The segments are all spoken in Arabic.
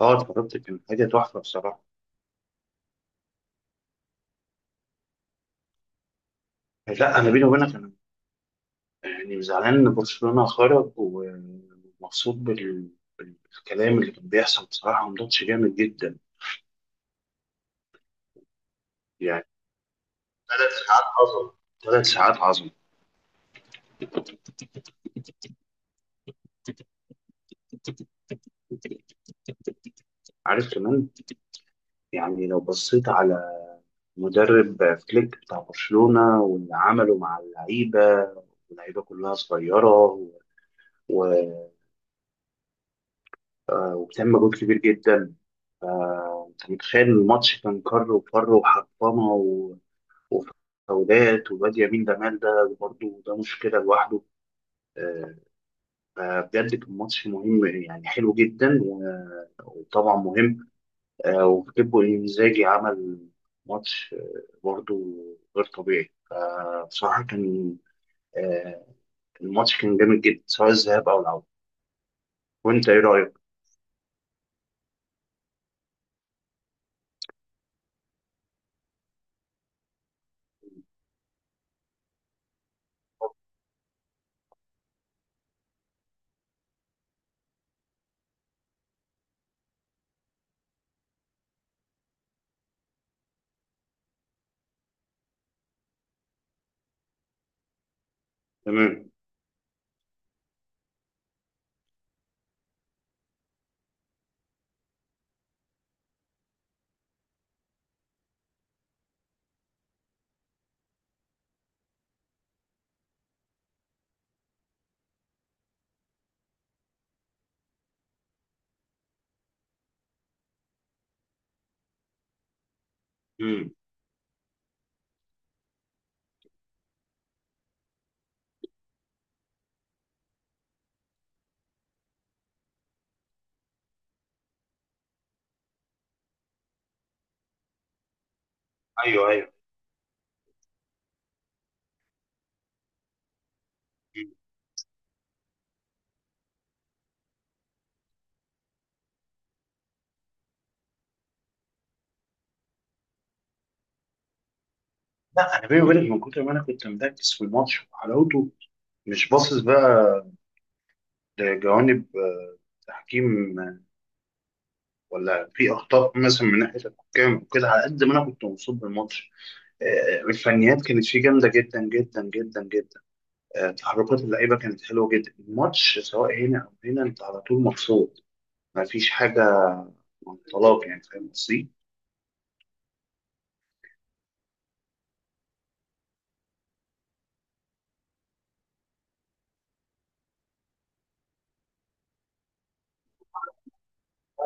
اه اتفرجت، كان حاجه تحفه بصراحه. لا انا بيني وبينك، انا يعني زعلان ان برشلونه خرج، ومبسوط بالكلام اللي كان بيحصل. بصراحه، ماتش جامد جدا. يعني 3 ساعات عظمه، 3 ساعات عظمه. عارف كمان، يعني لو بصيت على مدرب فليك بتاع برشلونه واللي عمله مع اللعيبه كلها صغيره، و... و... آه، وبتعمل مجهود كبير جدا. انت متخيل الماتش، كان كر وفر وحطمه وفاولات، والواد يمين جمال ده برضه ده مشكله لوحده. آه، فبجد كان ماتش مهم، يعني حلو جدا، وطبعا مهم. آه، وكيبو انزاجي عمل ماتش، برضه غير طبيعي. فبصراحه كان، آه، الماتش كان جامد جدا سواء الذهاب او العوده. وانت ايه رايك؟ تمام. مم. ايوه، ايوه. لا انا بيني وبينك، من كتر ما انا كنت مركز في الماتش وحلاوته، مش باصص بقى لجوانب، تحكيم، ولا في اخطاء مثلا من ناحيه الحكام وكده. على قد ما انا كنت مبسوط بالماتش، الفنيات كانت فيه جامده جدا جدا جدا جدا. تحركات اللعيبه كانت حلوه جدا. الماتش سواء هنا او هنا، انت على طول مبسوط، ما فيش حاجه طلاق، يعني فاهم قصدي؟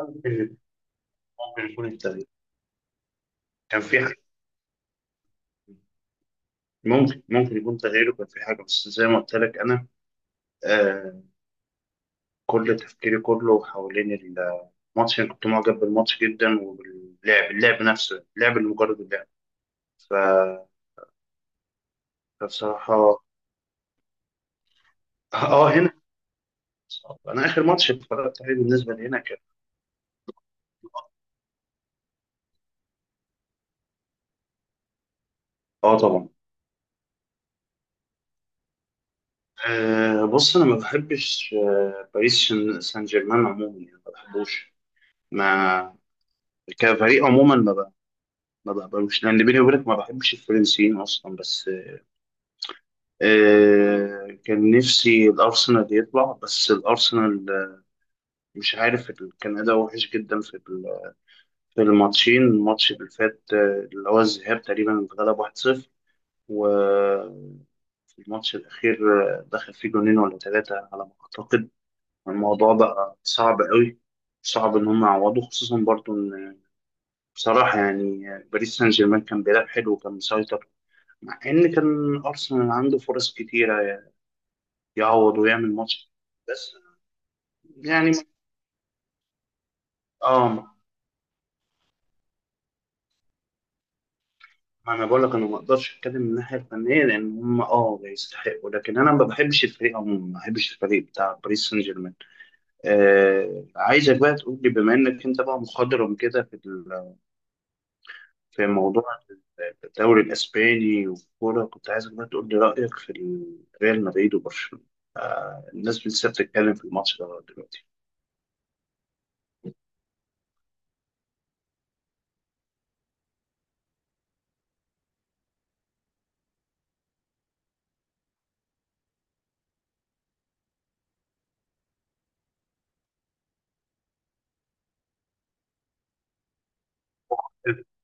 ممكن ممكن يكون التغيير كان في حاجة، ممكن يكون تغييره كان في حاجه، بس زي ما قلت لك انا، آه، كل تفكيري كله حوالين الماتش. أنا كنت معجب بالماتش جدا، وباللعب، اللعب نفسه، اللعب، اللي مجرد اللعب. ف... فبصراحة، اه، هنا أنا آخر ماتش اتفرجت عليه بالنسبة لهنا كان، اه طبعا. بص، أنا ما بحبش باريس سان جيرمان عموما، يعني ما بحبوش، ما كفريق عموما، ما بقبلوش لأن بيني وبينك ما بحبش الفرنسيين أصلا، بس كان نفسي الأرسنال يطلع، بس الأرسنال مش عارف، كان أداء وحش جدا في في الماتشين. الماتش اللي فات، اللي هو الذهاب، تقريبا اتغلب 1-0. وفي الماتش الأخير، دخل فيه جونين ولا 3 على ما أعتقد. الموضوع بقى صعب قوي، صعب إن هم يعوضوا، خصوصا برضو إن، بصراحة يعني، باريس سان جيرمان كان بيلعب حلو، وكان مسيطر، مع إن كان أرسنال عنده فرص كتيرة، يعني يعوض ويعمل ماتش. بس يعني، اه، ما انا بقول لك، انا ما اقدرش اتكلم من الناحيه الفنيه، لان هم يستحقوا، لكن انا ما بحبش الفريق عموما، ما بحبش الفريق بتاع باريس سان جيرمان. عايزك بقى تقول لي، بما انك انت بقى مخضرم كده في في موضوع الدوري الاسباني والكوره، كنت عايزك بقى تقول لي رايك في ريال مدريد وبرشلونه. الناس لسه بتتكلم في الماتش ده دلوقتي.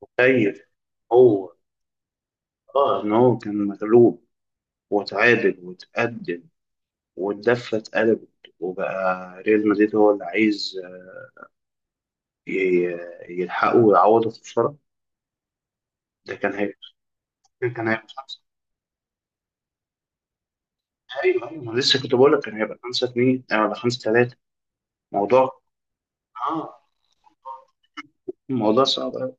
متخيل هو، اه ان هو كان مغلوب، وتعادل وتقدم، والدفة اتقلبت، وبقى ريال مدريد هو اللي عايز ي- يلحقه ويعوضه في الخسارة. ده كان هيبقى، كان هيبقى خمسة. أيوه أيوه، أنا لسه كنت بقول لك كان هيبقى 5-2، ولا 5-3. موضوع آه موضوع صعب أوي.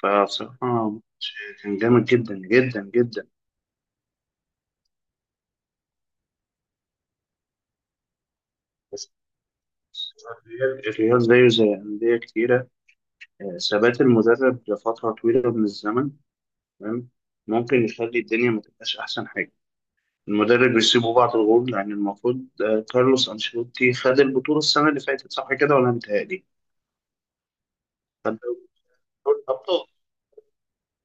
فبصراحة كان جامد جدا جدا جدا. بس الريال، الريال زيه زي أندية كتيرة، ثبات المدرب لفترة طويلة من الزمن، تمام، ممكن يخلي الدنيا ما تبقاش أحسن حاجة. المدرب يسيبوا بعض الغول، لأن المفروض، كارلوس أنشيلوتي خد البطولة السنة اللي فاتت، صح كده ولا متهيألي؟ خد البطولة الأبطال.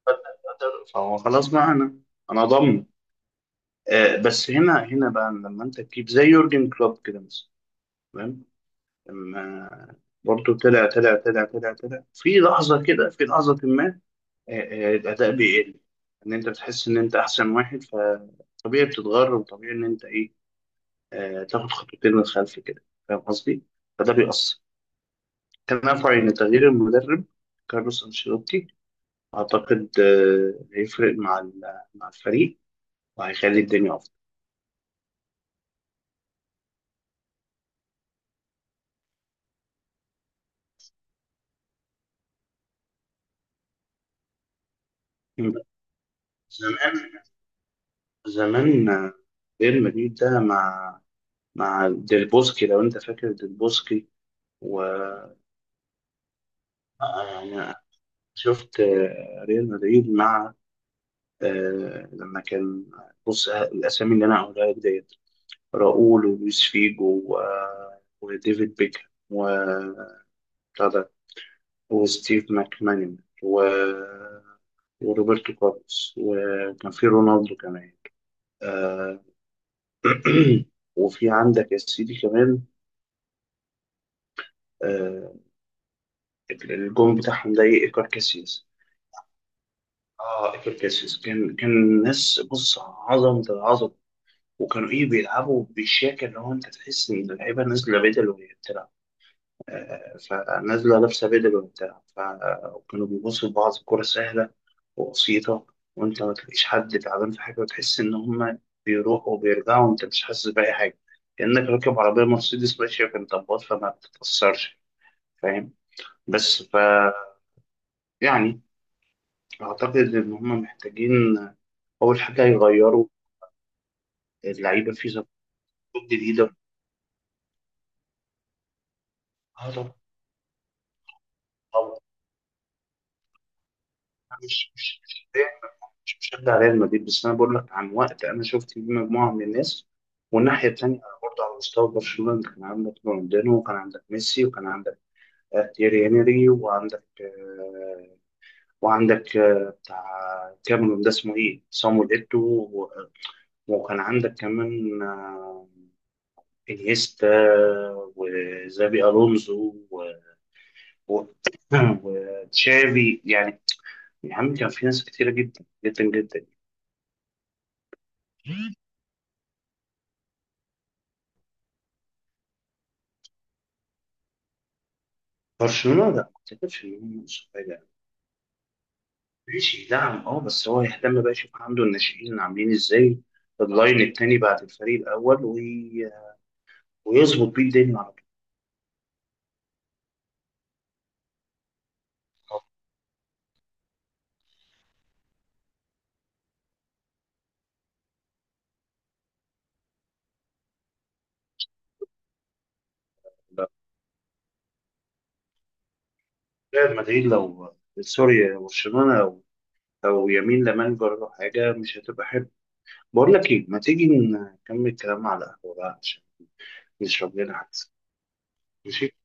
خد البطولة. فهو خلاص بقى، أنا ضامن. بس هنا بقى، لما أنت تجيب زي يورجن كلوب كده مثلا، تمام؟ لما برضه طلع في لحظة كده، في لحظة ما، آه، الأداء بيقل. إن أنت بتحس إن أنت أحسن واحد، فطبيعي بتتغر، وطبيعي إن أنت، إيه آه، تاخد خطوتين للخلف كده، فاهم قصدي؟ فده بيأثر. تنافع إن تغيير المدرب كارلوس أنشيلوتي، أعتقد هيفرق مع مع الفريق، وهيخلي الدنيا أفضل. زمان، زمان، ريال مدريد ده مع ديل بوسكي، لو أنت فاكر ديل بوسكي. و آه، يعني شفت، ريال مدريد مع، لما كان، بص، الأسامي اللي أنا هقولها لك ديت، راؤول، ولويس فيجو، وديفيد بيكهام، وستيف ماكمانيمان، و... وروبرتو كارلوس، وكان في رونالدو كمان. آه وفي عندك يا سيدي كمان، آه الجون بتاعهم ده ايه، ايكار كاسياس. اه، ايكار كاسياس، كان ناس، بص، عظمة العظمة. وكانوا بيلعبوا بالشياكة، اللي هو انت تحس ان اللعيبة نازلة بدل وهي بتلعب. فنازلة لابسة بدل وهي بتلعب. وكانوا بيبصوا لبعض، الكرة سهلة وبسيطة، وأنت ما تلاقيش حد تعبان في حاجة، وتحس إن هما بيروحوا وبيرجعوا، وأنت مش حاسس بأي حاجة، كأنك راكب عربية مرسيدس ماشية في انطباط، فما بتتأثرش، فاهم؟ بس ف يعني، أعتقد إن هما محتاجين، أول حاجة، يغيروا اللعيبة في صفقات جديدة. طبعا، طبعا، أنا مش مش مش مش مشجع ريال مدريد، بس أنا بقول لك عن وقت أنا شفت فيه مجموعة من الناس. والناحية التانية برضه على مستوى برشلونة، أنت كان عندك رونالدينو، وكان عندك ميسي، وكان عندك، تيري هنري، وعندك، بتاع كاميرون ده اسمه ايه، صامويل ايتو، وكان عندك كمان، انيستا، وزابي الونزو، و- وتشافي، يعني. يا عم، كان في ناس كتيرة جدا جدا جدا. برشلونة، لا، ما اعتقدش ان هم نقصوا حاجة. ماشي، دعم، بس هو يهتم بقى، يشوف عنده الناشئين عاملين ازاي، اللاين التاني بعد الفريق الاول، ويظبط بيه الدنيا على طول. ريال مدريد، لو، سوري، برشلونة، لو، يمين لمال جرى حاجة، مش هتبقى حلوة. بقول لك ايه، ما تيجي نكمل كلام على القهوة بقى عشان نشرب لنا حاجة؟ ماشي.